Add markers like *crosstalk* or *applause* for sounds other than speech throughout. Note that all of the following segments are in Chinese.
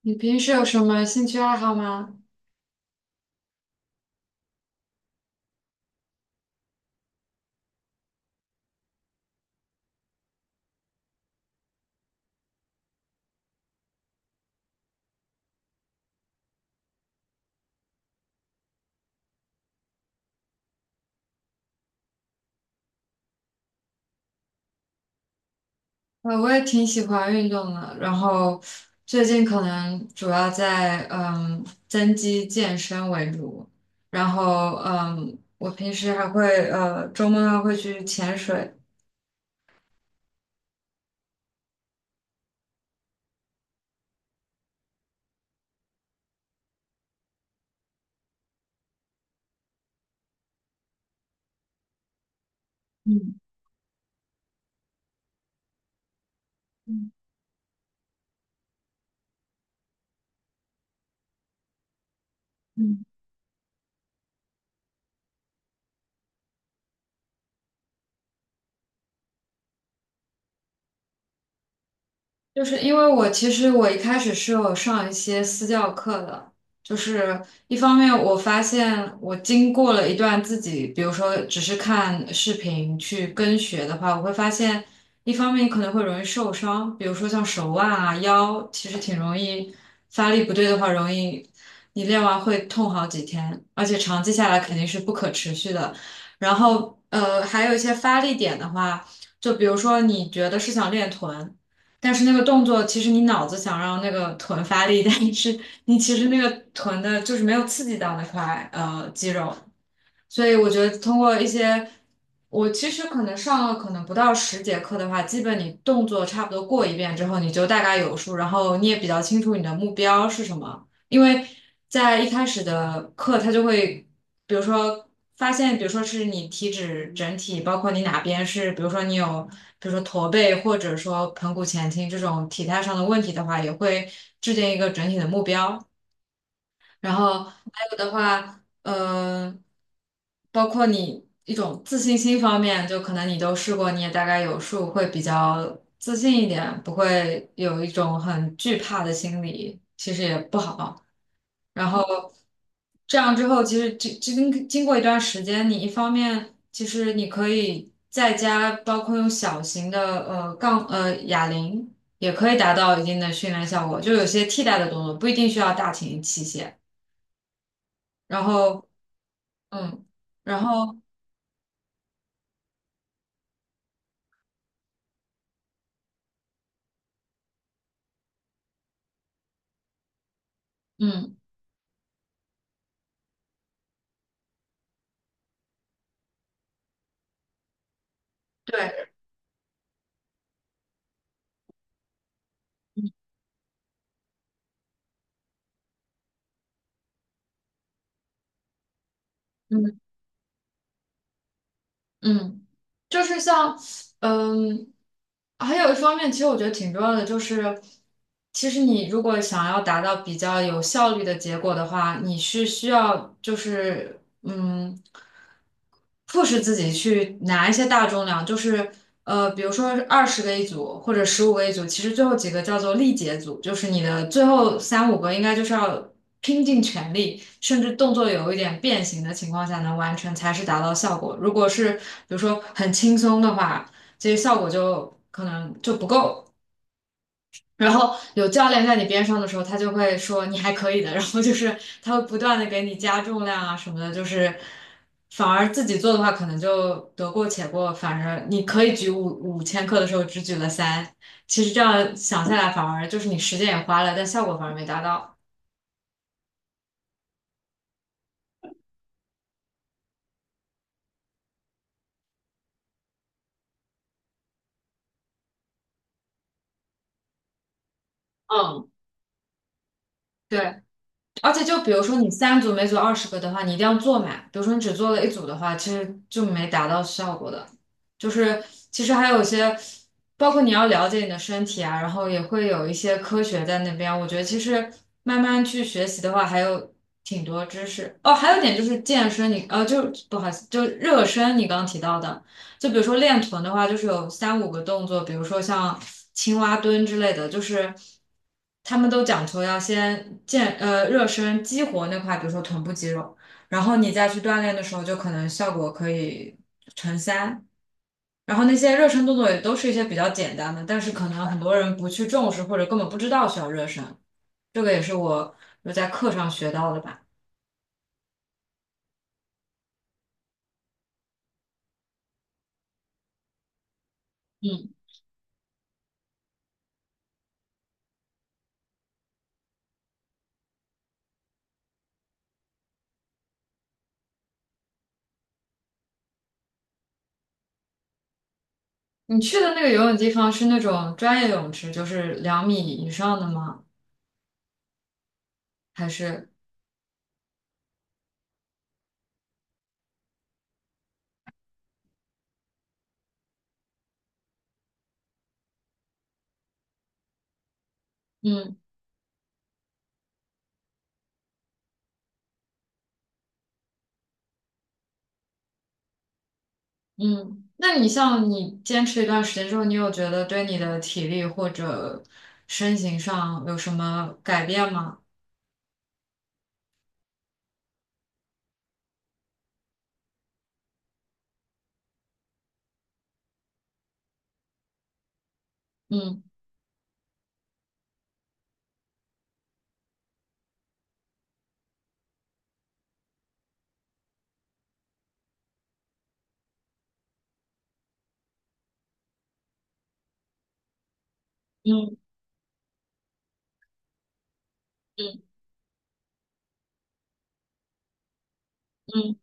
你平时有什么兴趣爱好吗？我也挺喜欢运动的，然后最近可能主要在增肌健身为主，然后我平时还会周末还会去潜水。嗯嗯嗯。就是因为我其实一开始是有上一些私教课的，就是一方面我发现我经过了一段自己，比如说只是看视频去跟学的话，我会发现一方面你可能会容易受伤，比如说像手腕啊、腰，其实挺容易发力不对的话，容易你练完会痛好几天，而且长期下来肯定是不可持续的。然后还有一些发力点的话，就比如说你觉得是想练臀。但是那个动作，其实你脑子想让那个臀发力，但是你其实那个臀的就是没有刺激到那块肌肉，所以我觉得通过一些，我其实可能上了可能不到十节课的话，基本你动作差不多过一遍之后，你就大概有数，然后你也比较清楚你的目标是什么。因为在一开始的课，他就会，比如说发现，比如说是你体脂整体，包括你哪边是，比如说你有，比如说驼背或者说盆骨前倾这种体态上的问题的话，也会制定一个整体的目标。然后还有的话，包括你一种自信心方面，就可能你都试过，你也大概有数，会比较自信一点，不会有一种很惧怕的心理，其实也不好。然后这样之后，其实经过一段时间，你一方面其实你可以在家，包括用小型的哑铃，也可以达到一定的训练效果，就有些替代的动作，不一定需要大型器械。然后嗯，然后嗯，对。嗯嗯嗯，就是像，嗯，还有一方面，其实我觉得挺重要的，就是其实你如果想要达到比较有效率的结果的话，你是需要就是。嗯。迫使自己去拿一些大重量，就是比如说二十个一组或者十五个一组，其实最后几个叫做力竭组，就是你的最后三五个应该就是要拼尽全力，甚至动作有一点变形的情况下能完成，才是达到效果。如果是比如说很轻松的话，其实效果就可能就不够。然后有教练在你边上的时候，他就会说你还可以的，*laughs* 然后就是他会不断的给你加重量啊什么的，就是反而自己做的话，可能就得过且过，反正你可以举五千克的时候只举了三，其实这样想下来，反而就是你时间也花了，但效果反而没达到。嗯，对。而且就比如说你三组每组二十个的话，你一定要做满。比如说你只做了一组的话，其实就没达到效果的。就是其实还有一些，包括你要了解你的身体啊，然后也会有一些科学在那边。我觉得其实慢慢去学习的话，还有挺多知识。哦，还有一点就是健身你，就不好意思，就热身，你刚刚提到的。就比如说练臀的话，就是有三五个动作，比如说像青蛙蹲之类的，就是他们都讲求要先热身激活那块，比如说臀部肌肉，然后你再去锻炼的时候，就可能效果可以乘三。然后那些热身动作也都是一些比较简单的，但是可能很多人不去重视或者根本不知道需要热身，这个也是我有在课上学到的吧。嗯，你去的那个游泳地方是那种专业泳池，就是两米以上的吗？还是？嗯嗯，那你像你坚持一段时间之后，你有觉得对你的体力或者身形上有什么改变吗？嗯嗯嗯嗯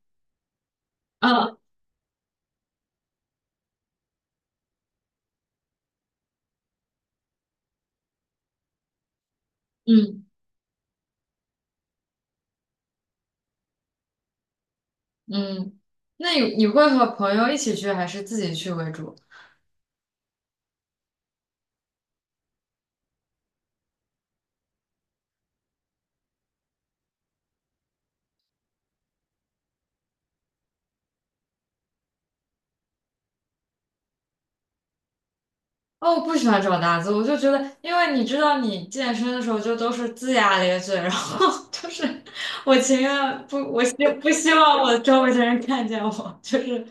啊嗯嗯，那你会和朋友一起去还是自己去为主？哦，我不喜欢这种搭子，我就觉得，因为你知道，你健身的时候就都是龇牙咧嘴，然后 *laughs* 就是我不希望我周围的人看见我，就是，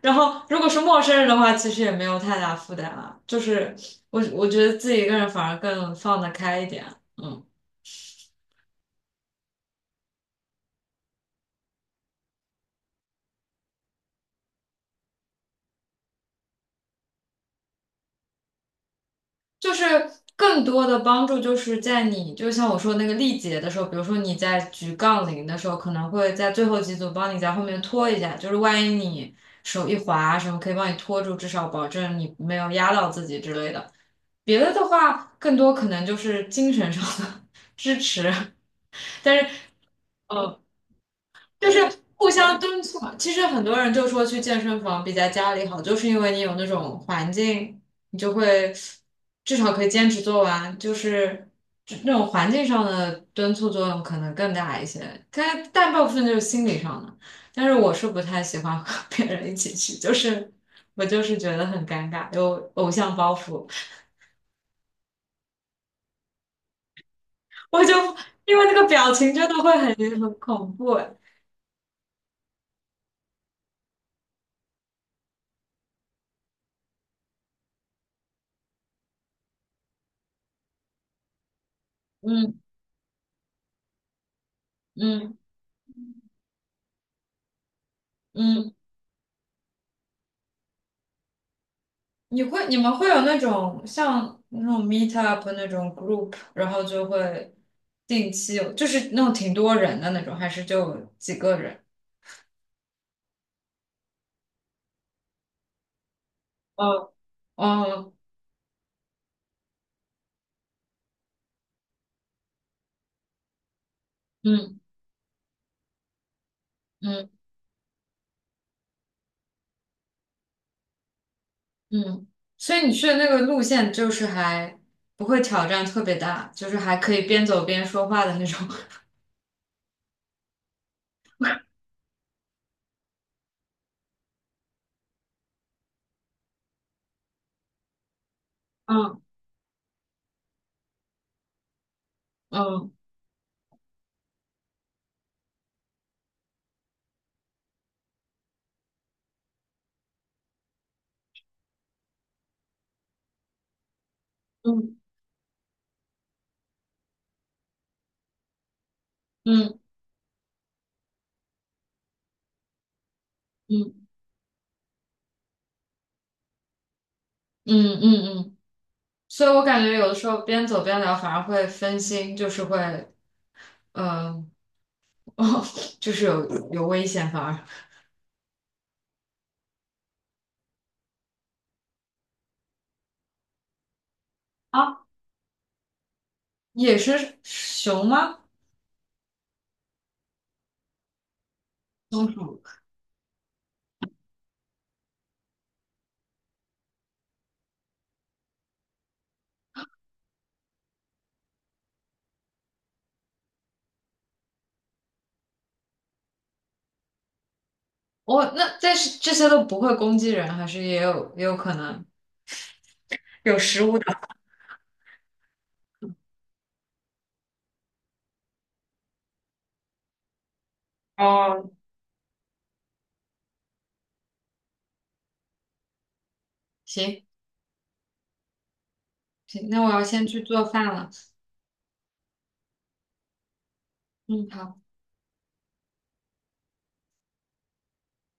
然后如果是陌生人的话，其实也没有太大负担了，就是我觉得自己一个人反而更放得开一点，嗯。就是更多的帮助就是在你，就像我说那个力竭的时候，比如说你在举杠铃的时候，可能会在最后几组帮你在后面拖一下，就是万一你手一滑什么，可以帮你拖住，至少保证你没有压到自己之类的。别的的话，更多可能就是精神上的 *laughs* 支持，但是。呃就是互相敦促嘛。其实很多人就说去健身房比在家里好，就是因为你有那种环境，你就会至少可以坚持做完，就是那种环境上的敦促作用可能更大一些。但大部分就是心理上的。但是我是不太喜欢和别人一起去，就是我就是觉得很尴尬，有偶像包袱，我就因为那个表情真的会很恐怖。嗯嗯嗯。你们会有那种像那种 meet up 那种 group，然后就会定期有就是那种挺多人的那种，还是就几个人？哦哦，嗯嗯嗯，所以你去的那个路线就是还不会挑战特别大，就是还可以边走边说话的那种。*laughs* 嗯嗯嗯嗯嗯嗯嗯嗯，所以我感觉有的时候边走边聊反而会分心，就是会嗯。*laughs* 哦，就是有危险，反而啊，也是熊吗？松鼠？哦，那但是这些都不会攻击人，还是也有可能有食物的。哦，行行，那我要先去做饭了。嗯，好。